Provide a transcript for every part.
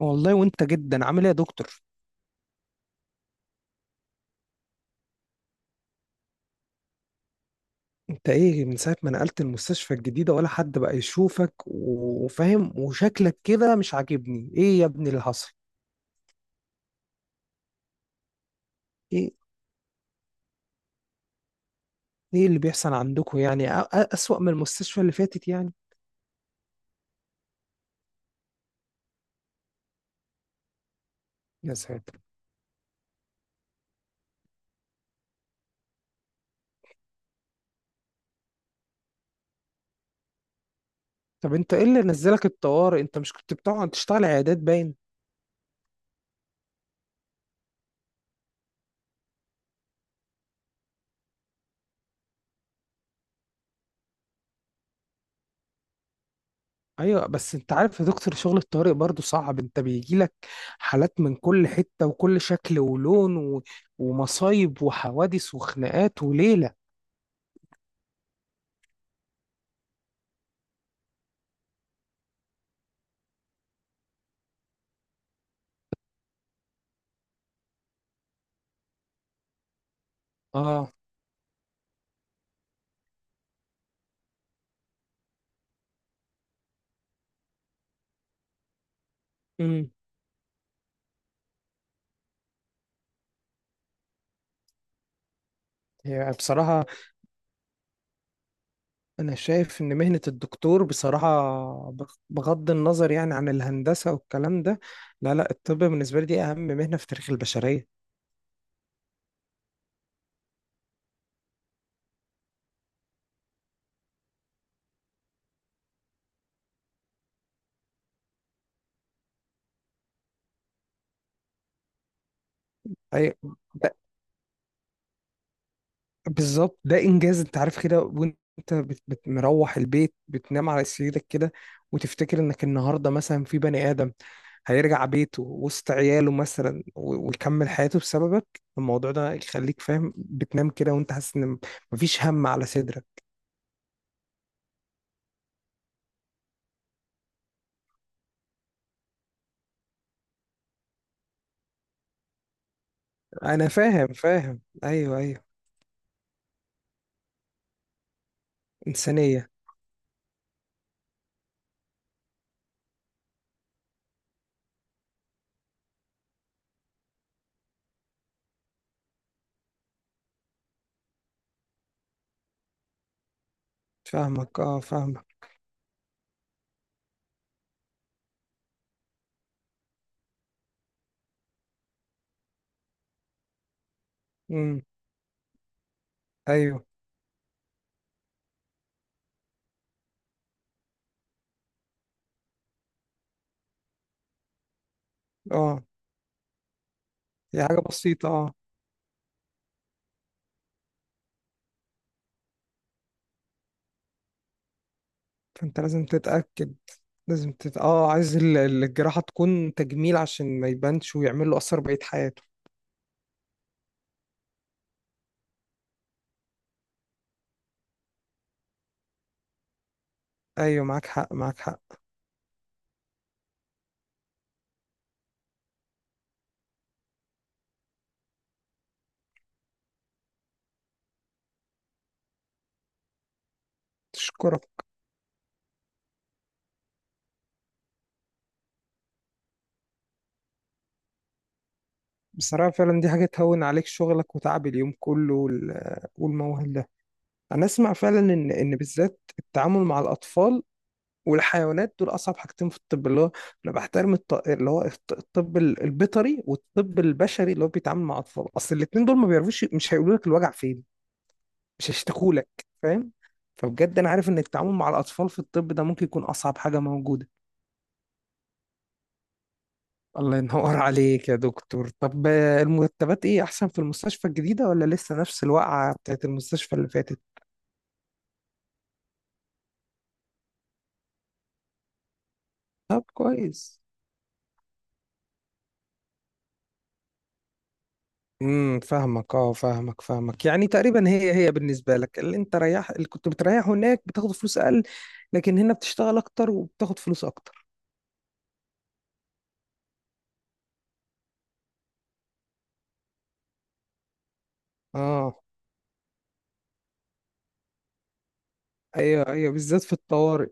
والله وانت جدا عامل ايه يا دكتور؟ انت ايه من ساعة ما نقلت المستشفى الجديدة ولا حد بقى يشوفك وفاهم، وشكلك كده مش عاجبني. ايه يا ابني اللي حصل؟ ايه ايه اللي بيحصل عندكم يعني اسوأ من المستشفى اللي فاتت يعني؟ يا ساتر. طب انت ايه اللي نزلك الطوارئ؟ انت مش كنت بتقعد تشتغل عيادات باين. ايوه، بس انت عارف يا دكتور شغل الطوارئ برضه صعب، انت بيجيلك حالات من كل حتة وكل شكل ولون ومصايب وحوادث وخناقات وليلة. اه. هي بصراحة، أنا شايف إن مهنة الدكتور بصراحة، بغض النظر يعني عن الهندسة والكلام ده، لا لا، الطب بالنسبة لي دي أهم مهنة في تاريخ البشرية. أي، بالظبط، ده إنجاز. أنت عارف كده، وأنت مروح البيت بتنام على سريرك كده، وتفتكر إنك النهاردة مثلا في بني آدم هيرجع بيته وسط عياله مثلا ويكمل حياته بسببك. الموضوع ده يخليك فاهم بتنام كده وأنت حاسس إن مفيش هم على صدرك. أنا فاهم فاهم، أيوه أيوه. إنسانية. فاهمك اه فاهمك. امم. أيوه. اه، هي حاجة بسيطة اه. فأنت لازم تتأكد، لازم تت... اه عايز الجراحة تكون تجميل عشان ما يبانش ويعمل له أثر بقية حياته. أيوه، معاك حق معاك حق. أشكرك. بصراحة فعلا دي حاجة تهون عليك شغلك وتعب اليوم كله والموال ده. أنا أسمع فعلا إن إن بالذات التعامل مع الأطفال والحيوانات دول اصعب حاجتين في الطب، اللي هو انا بحترم اللي هو الطب البيطري والطب البشري اللي هو بيتعامل مع اطفال، اصل الاتنين دول ما بيعرفوش، مش هيقولوا لك الوجع فين، مش هيشتكوا لك، فاهم. فبجد انا عارف ان التعامل مع الاطفال في الطب ده ممكن يكون اصعب حاجه موجوده. الله ينور عليك يا دكتور. طب المرتبات ايه، احسن في المستشفى الجديده ولا لسه نفس الوقعه بتاعت المستشفى اللي فاتت؟ طب كويس. امم، فاهمك اه فاهمك فاهمك. يعني تقريبا هي بالنسبه لك اللي انت ريح اللي كنت بتريحه هناك بتاخد فلوس اقل، لكن هنا بتشتغل اكتر وبتاخد فلوس اكتر. اه. ايوه ايوه، بالذات في الطوارئ.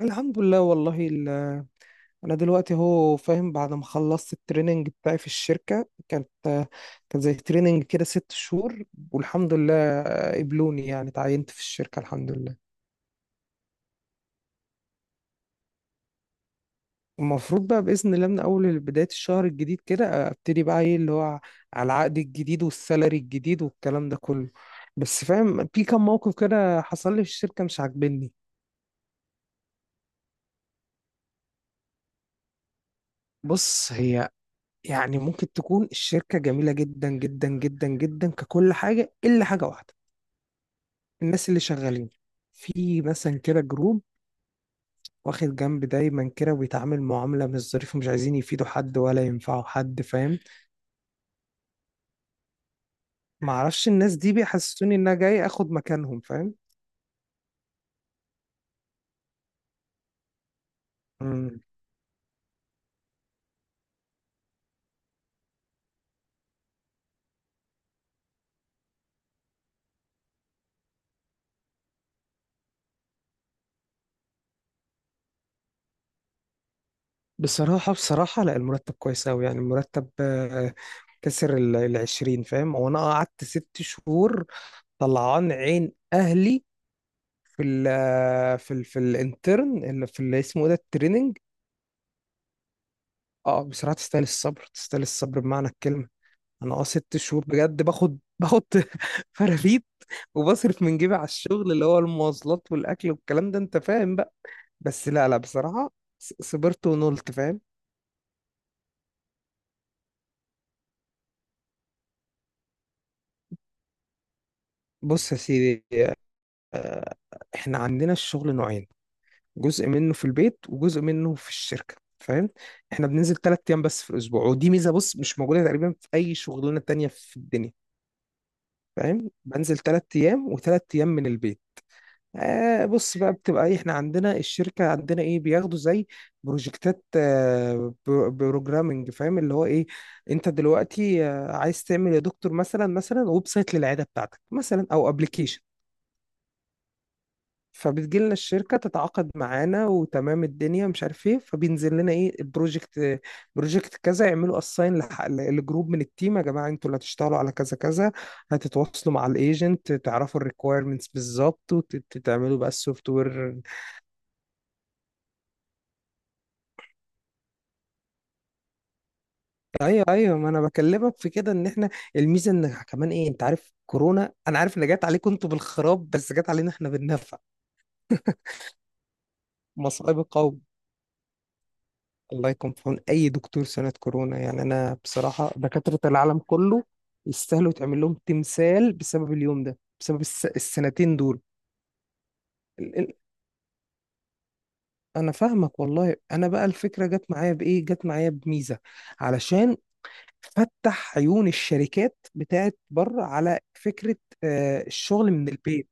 الحمد لله والله انا دلوقتي، هو فاهم، بعد ما خلصت التريننج بتاعي في الشركه، كانت كان زي تريننج كده 6 شهور، والحمد لله قبلوني، يعني تعينت في الشركه، الحمد لله. المفروض بقى بإذن الله من أول بداية الشهر الجديد كده أبتدي بقى إيه اللي هو، على العقد الجديد والسالري الجديد والكلام ده كله. بس فاهم في كام موقف كده حصل لي في الشركة مش عاجبني. بص، هي يعني ممكن تكون الشركة جميلة جدا جدا جدا جدا ككل حاجة، إلا حاجة واحدة: الناس اللي شغالين في مثلا كده جروب واخد جنب دايما كده، وبيتعامل معاملة مش ظريفة، مش عايزين يفيدوا حد ولا ينفعوا حد، فاهم. معرفش، الناس دي بيحسسوني إن أنا جاي آخد مكانهم، فاهم. مم. بصراحة بصراحة، لا المرتب كويس أوي، يعني المرتب كسر 20، فاهم. هو أنا قعدت 6 شهور طلعان عين أهلي في ال آه، في ال في الانترن، اللي في اللي اسمه إيه ده، التريننج. اه بصراحة تستاهل الصبر، تستاهل الصبر بمعنى الكلمة. أنا اه 6 شهور بجد باخد فرافيت، وبصرف من جيبي على الشغل، اللي هو المواصلات والأكل والكلام ده أنت فاهم بقى. بس لا لا بصراحة، صبرت ونولت، فاهم. بص يا سيدي، احنا عندنا الشغل نوعين: جزء منه في البيت وجزء منه في الشركة، فاهم. احنا بننزل 3 ايام بس في الاسبوع، ودي ميزة بص مش موجودة تقريبا في اي شغلانة تانية في الدنيا، فاهم. بنزل 3 ايام و3 ايام من البيت. آه بص بقى، بتبقى ايه، احنا عندنا الشركة عندنا ايه بياخدوا زي بروجكتات، آه بروجرامنج، فاهم اللي هو ايه. انت دلوقتي آه عايز تعمل يا دكتور مثلا مثلا ويب سايت للعيادة بتاعتك مثلا او ابلكيشن، فبتجي لنا الشركة تتعاقد معانا وتمام الدنيا مش عارف ايه، فبينزل لنا ايه البروجكت. بروجكت كذا، يعملوا اساين لجروب من التيم، يا جماعة انتوا اللي هتشتغلوا على كذا كذا، هتتواصلوا مع الايجنت تعرفوا الريكويرمنتس بالظبط، وتعملوا بقى السوفت وير. ايوه ايوه، ما انا بكلمك في كده، ان احنا الميزة ان كمان ايه، انت عارف كورونا، انا عارف ان جت عليكم انتوا بالخراب بس جت علينا احنا بالنفع. مصائب القوم. الله يكون في عون اي دكتور سنة كورونا، يعني انا بصراحة دكاترة العالم كله يستاهلوا يتعمل لهم تمثال بسبب اليوم ده، بسبب السنتين دول. ال- ال- انا فاهمك والله. انا بقى الفكرة جت معايا بايه، جت معايا بميزة، علشان فتح عيون الشركات بتاعت بره على فكرة، الشغل من البيت،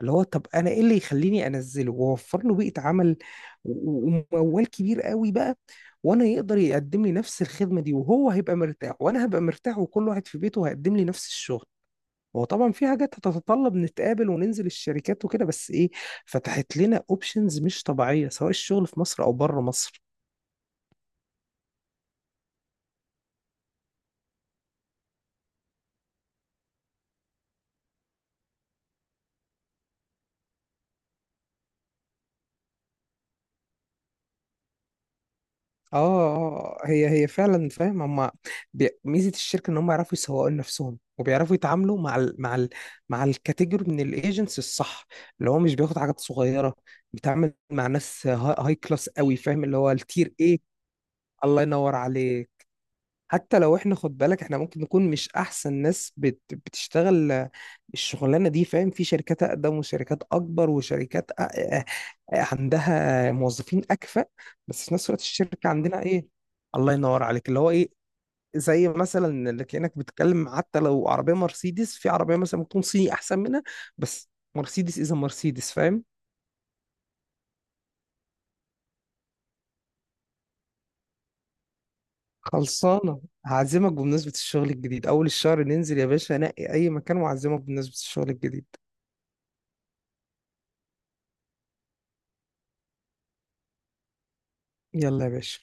اللي هو طب انا ايه اللي يخليني انزله واوفر له بيئه عمل وموال كبير قوي بقى، وانا يقدر يقدم لي نفس الخدمه دي، وهو هيبقى مرتاح وانا هبقى مرتاح، وكل واحد في بيته هيقدم لي نفس الشغل. هو طبعا في حاجات هتتطلب نتقابل وننزل الشركات وكده، بس ايه، فتحت لنا اوبشنز مش طبيعيه، سواء الشغل في مصر او بره مصر. اه اه، هي فعلا فاهم. هم ميزه الشركه ان هم يعرفوا يسوقوا لنفسهم، وبيعرفوا يتعاملوا مع مع الكاتيجوري من الايجنتس الصح، اللي هو مش بياخد حاجات صغيره، بيتعامل مع ناس هاي, هاي كلاس قوي، فاهم اللي هو التير ايه. الله ينور عليك. حتى لو احنا خد بالك، احنا ممكن نكون مش احسن ناس بتشتغل الشغلانه دي، فاهم. في شركات اقدم وشركات اكبر وشركات عندها موظفين اكفأ، بس في نفس الوقت الشركه عندنا ايه، الله ينور عليك، اللي هو ايه، زي مثلا اللي كأنك بتتكلم حتى لو عربيه مرسيدس، في عربيه مثلا ممكن تكون صيني احسن منها، بس مرسيدس اذا مرسيدس، فاهم. خلصانه، هعزمك بمناسبه الشغل الجديد. اول الشهر ننزل يا باشا، نقي اي مكان وأعزمك بمناسبه الشغل الجديد. يلا يا باشا.